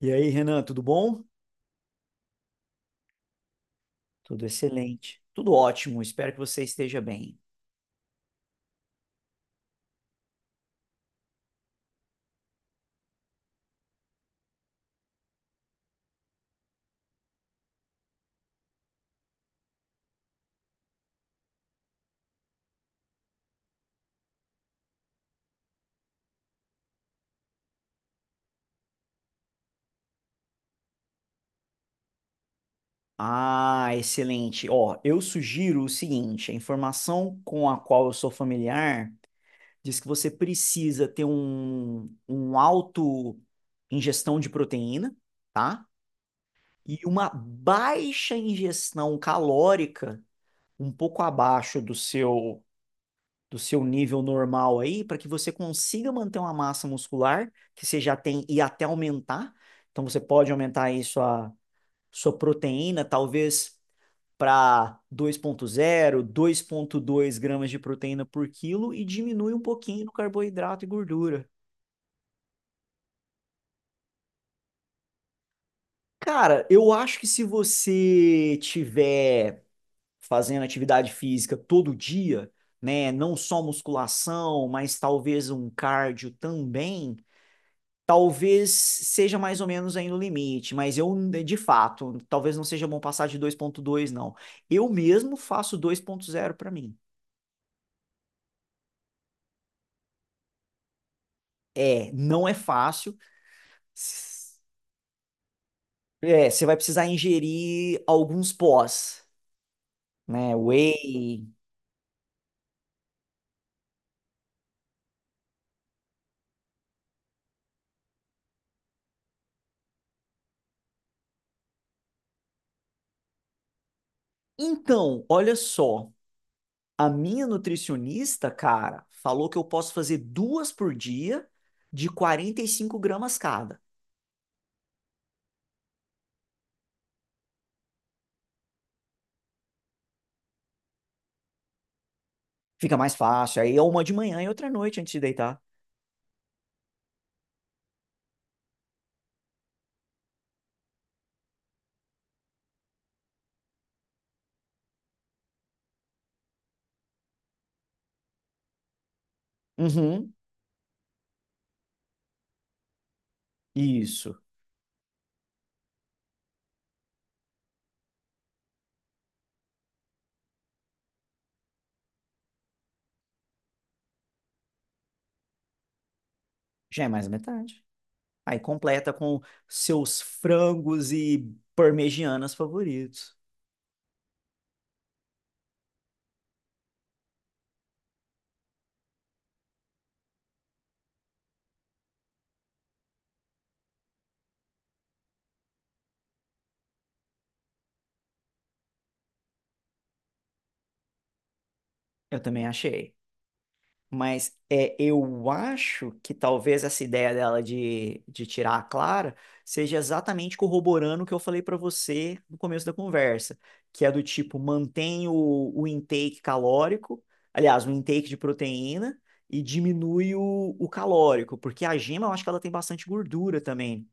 E aí, Renan, tudo bom? Tudo excelente. Tudo ótimo, espero que você esteja bem. Ah, excelente. Ó, eu sugiro o seguinte: a informação com a qual eu sou familiar diz que você precisa ter um alto ingestão de proteína, tá? E uma baixa ingestão calórica, um pouco abaixo do seu nível normal aí, para que você consiga manter uma massa muscular que você já tem e até aumentar. Então você pode aumentar aí sua proteína, talvez para 2.0, dois gramas de proteína por quilo e diminui um pouquinho no carboidrato e gordura. Cara, eu acho que se você tiver fazendo atividade física todo dia, né, não só musculação, mas talvez um cardio também, talvez seja mais ou menos aí no limite, mas eu, de fato, talvez não seja bom passar de dois ponto dois não. Eu mesmo faço dois ponto zero para mim. É, não é fácil. É, você vai precisar ingerir alguns pós, né? Whey. Então, olha só, a minha nutricionista, cara, falou que eu posso fazer duas por dia de 45 gramas cada. Fica mais fácil. Aí é uma de manhã e outra à noite antes de deitar. Uhum. Isso. Já é mais da metade. Aí completa com seus frangos e parmegianas favoritos. Eu também achei. Mas é, eu acho que talvez essa ideia dela de tirar a Clara seja exatamente corroborando o que eu falei pra você no começo da conversa, que é do tipo, mantém o intake calórico, aliás, o intake de proteína, e diminui o calórico, porque a gema eu acho que ela tem bastante gordura também.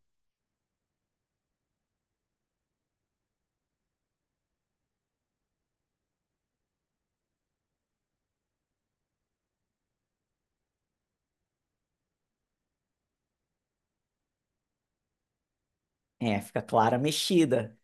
É, fica Clara mexida.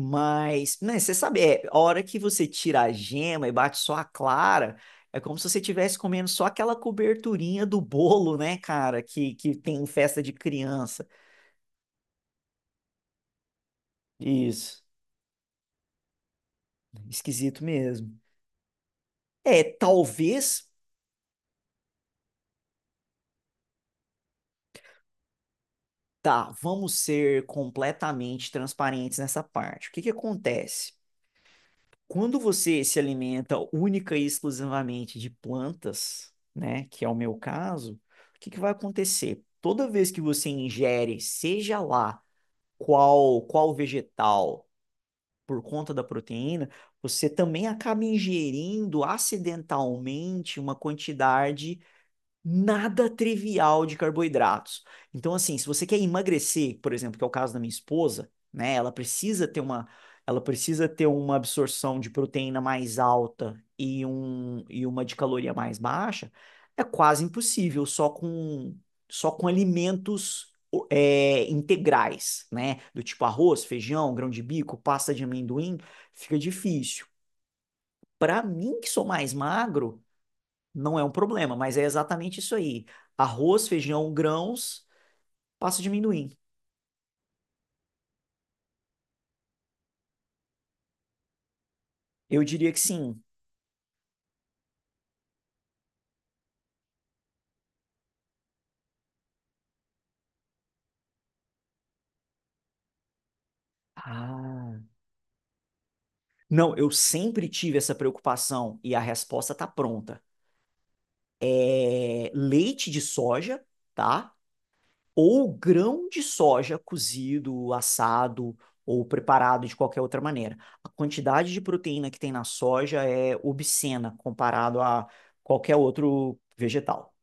Mas, né, você sabe, é, a hora que você tira a gema e bate só a clara, é como se você estivesse comendo só aquela coberturinha do bolo, né, cara, que tem em festa de criança. Isso, esquisito mesmo. É, talvez, tá, vamos ser completamente transparentes nessa parte. O que que acontece? Quando você se alimenta única e exclusivamente de plantas, né, que é o meu caso, o que que vai acontecer? Toda vez que você ingere, seja lá qual vegetal, por conta da proteína, você também acaba ingerindo acidentalmente uma quantidade nada trivial de carboidratos. Então, assim, se você quer emagrecer, por exemplo, que é o caso da minha esposa, né? Ela precisa ter uma, ela precisa ter uma absorção de proteína mais alta e, e uma de caloria mais baixa. É quase impossível só com alimentos é, integrais, né? Do tipo arroz, feijão, grão de bico, pasta de amendoim, fica difícil. Para mim, que sou mais magro, não é um problema, mas é exatamente isso aí. Arroz, feijão, grãos, passa a diminuir. Eu diria que sim. Ah, não, eu sempre tive essa preocupação e a resposta tá pronta. É leite de soja, tá? Ou grão de soja cozido, assado ou preparado de qualquer outra maneira. A quantidade de proteína que tem na soja é obscena comparado a qualquer outro vegetal.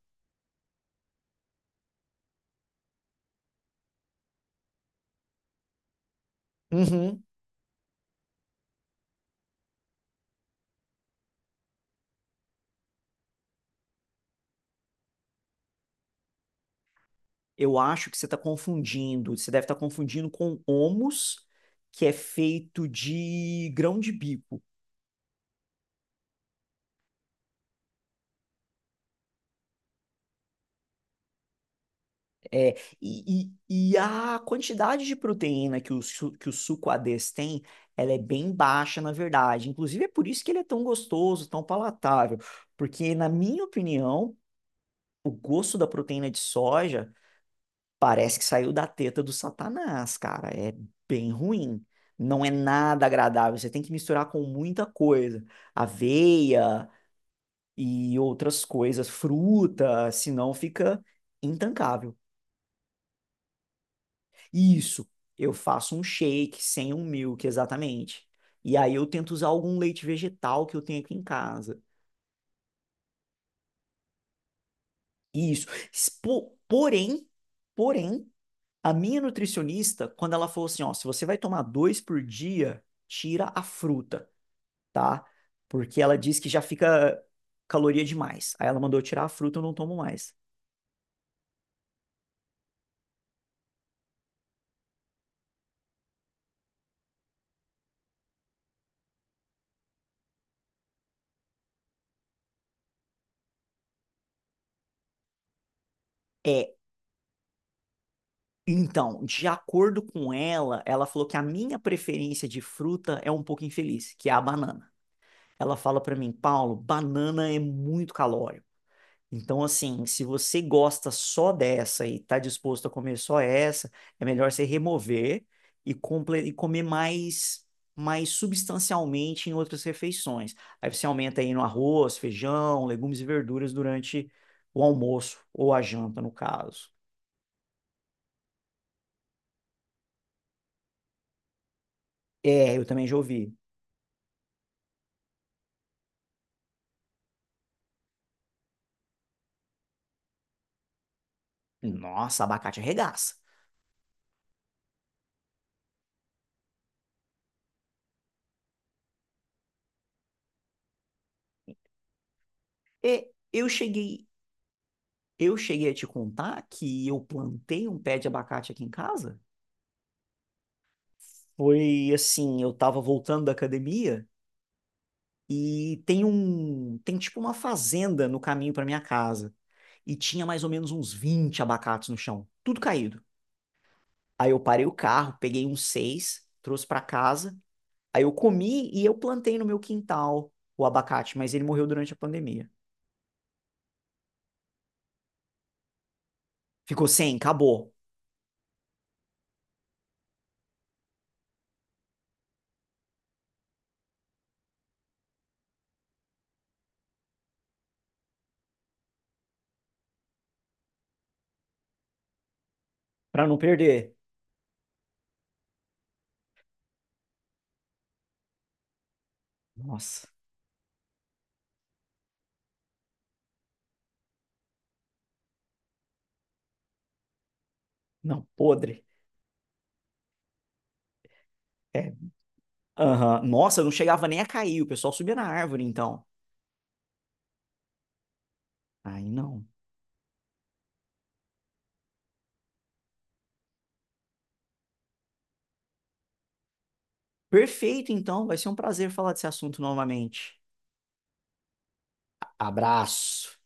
Uhum. Eu acho que você está confundindo. Você deve estar confundindo com homus, que é feito de grão de bico. É, e a quantidade de proteína que que o suco a ADES tem, ela é bem baixa, na verdade. Inclusive, é por isso que ele é tão gostoso, tão palatável. Porque, na minha opinião, o gosto da proteína de soja parece que saiu da teta do Satanás, cara. É bem ruim. Não é nada agradável. Você tem que misturar com muita coisa. Aveia e outras coisas, fruta, senão fica intancável. Isso, eu faço um shake sem um milk, exatamente. E aí eu tento usar algum leite vegetal que eu tenho aqui em casa. Isso. Porém, porém, a minha nutricionista, quando ela falou assim, ó, se você vai tomar dois por dia, tira a fruta. Tá? Porque ela diz que já fica caloria demais. Aí ela mandou eu tirar a fruta, eu não tomo mais. É, então, de acordo com ela, ela falou que a minha preferência de fruta é um pouco infeliz, que é a banana. Ela fala pra mim, Paulo, banana é muito calórica. Então, assim, se você gosta só dessa e está disposto a comer só essa, é melhor você remover e, e comer mais, mais substancialmente em outras refeições. Aí você aumenta aí no arroz, feijão, legumes e verduras durante o almoço ou a janta, no caso. É, eu também já ouvi. Nossa, abacate arregaça. E eu cheguei, eu cheguei a te contar que eu plantei um pé de abacate aqui em casa? Foi assim, eu tava voltando da academia. E tem um, tem tipo uma fazenda no caminho para minha casa. E tinha mais ou menos uns 20 abacates no chão, tudo caído. Aí eu parei o carro, peguei uns seis, trouxe para casa. Aí eu comi e eu plantei no meu quintal o abacate, mas ele morreu durante a pandemia. Ficou sem, acabou, para não perder. Nossa, não, podre. É, aham. Nossa, não chegava nem a cair, o pessoal subia na árvore, então. Aí não. Perfeito, então, vai ser um prazer falar desse assunto novamente. Abraço.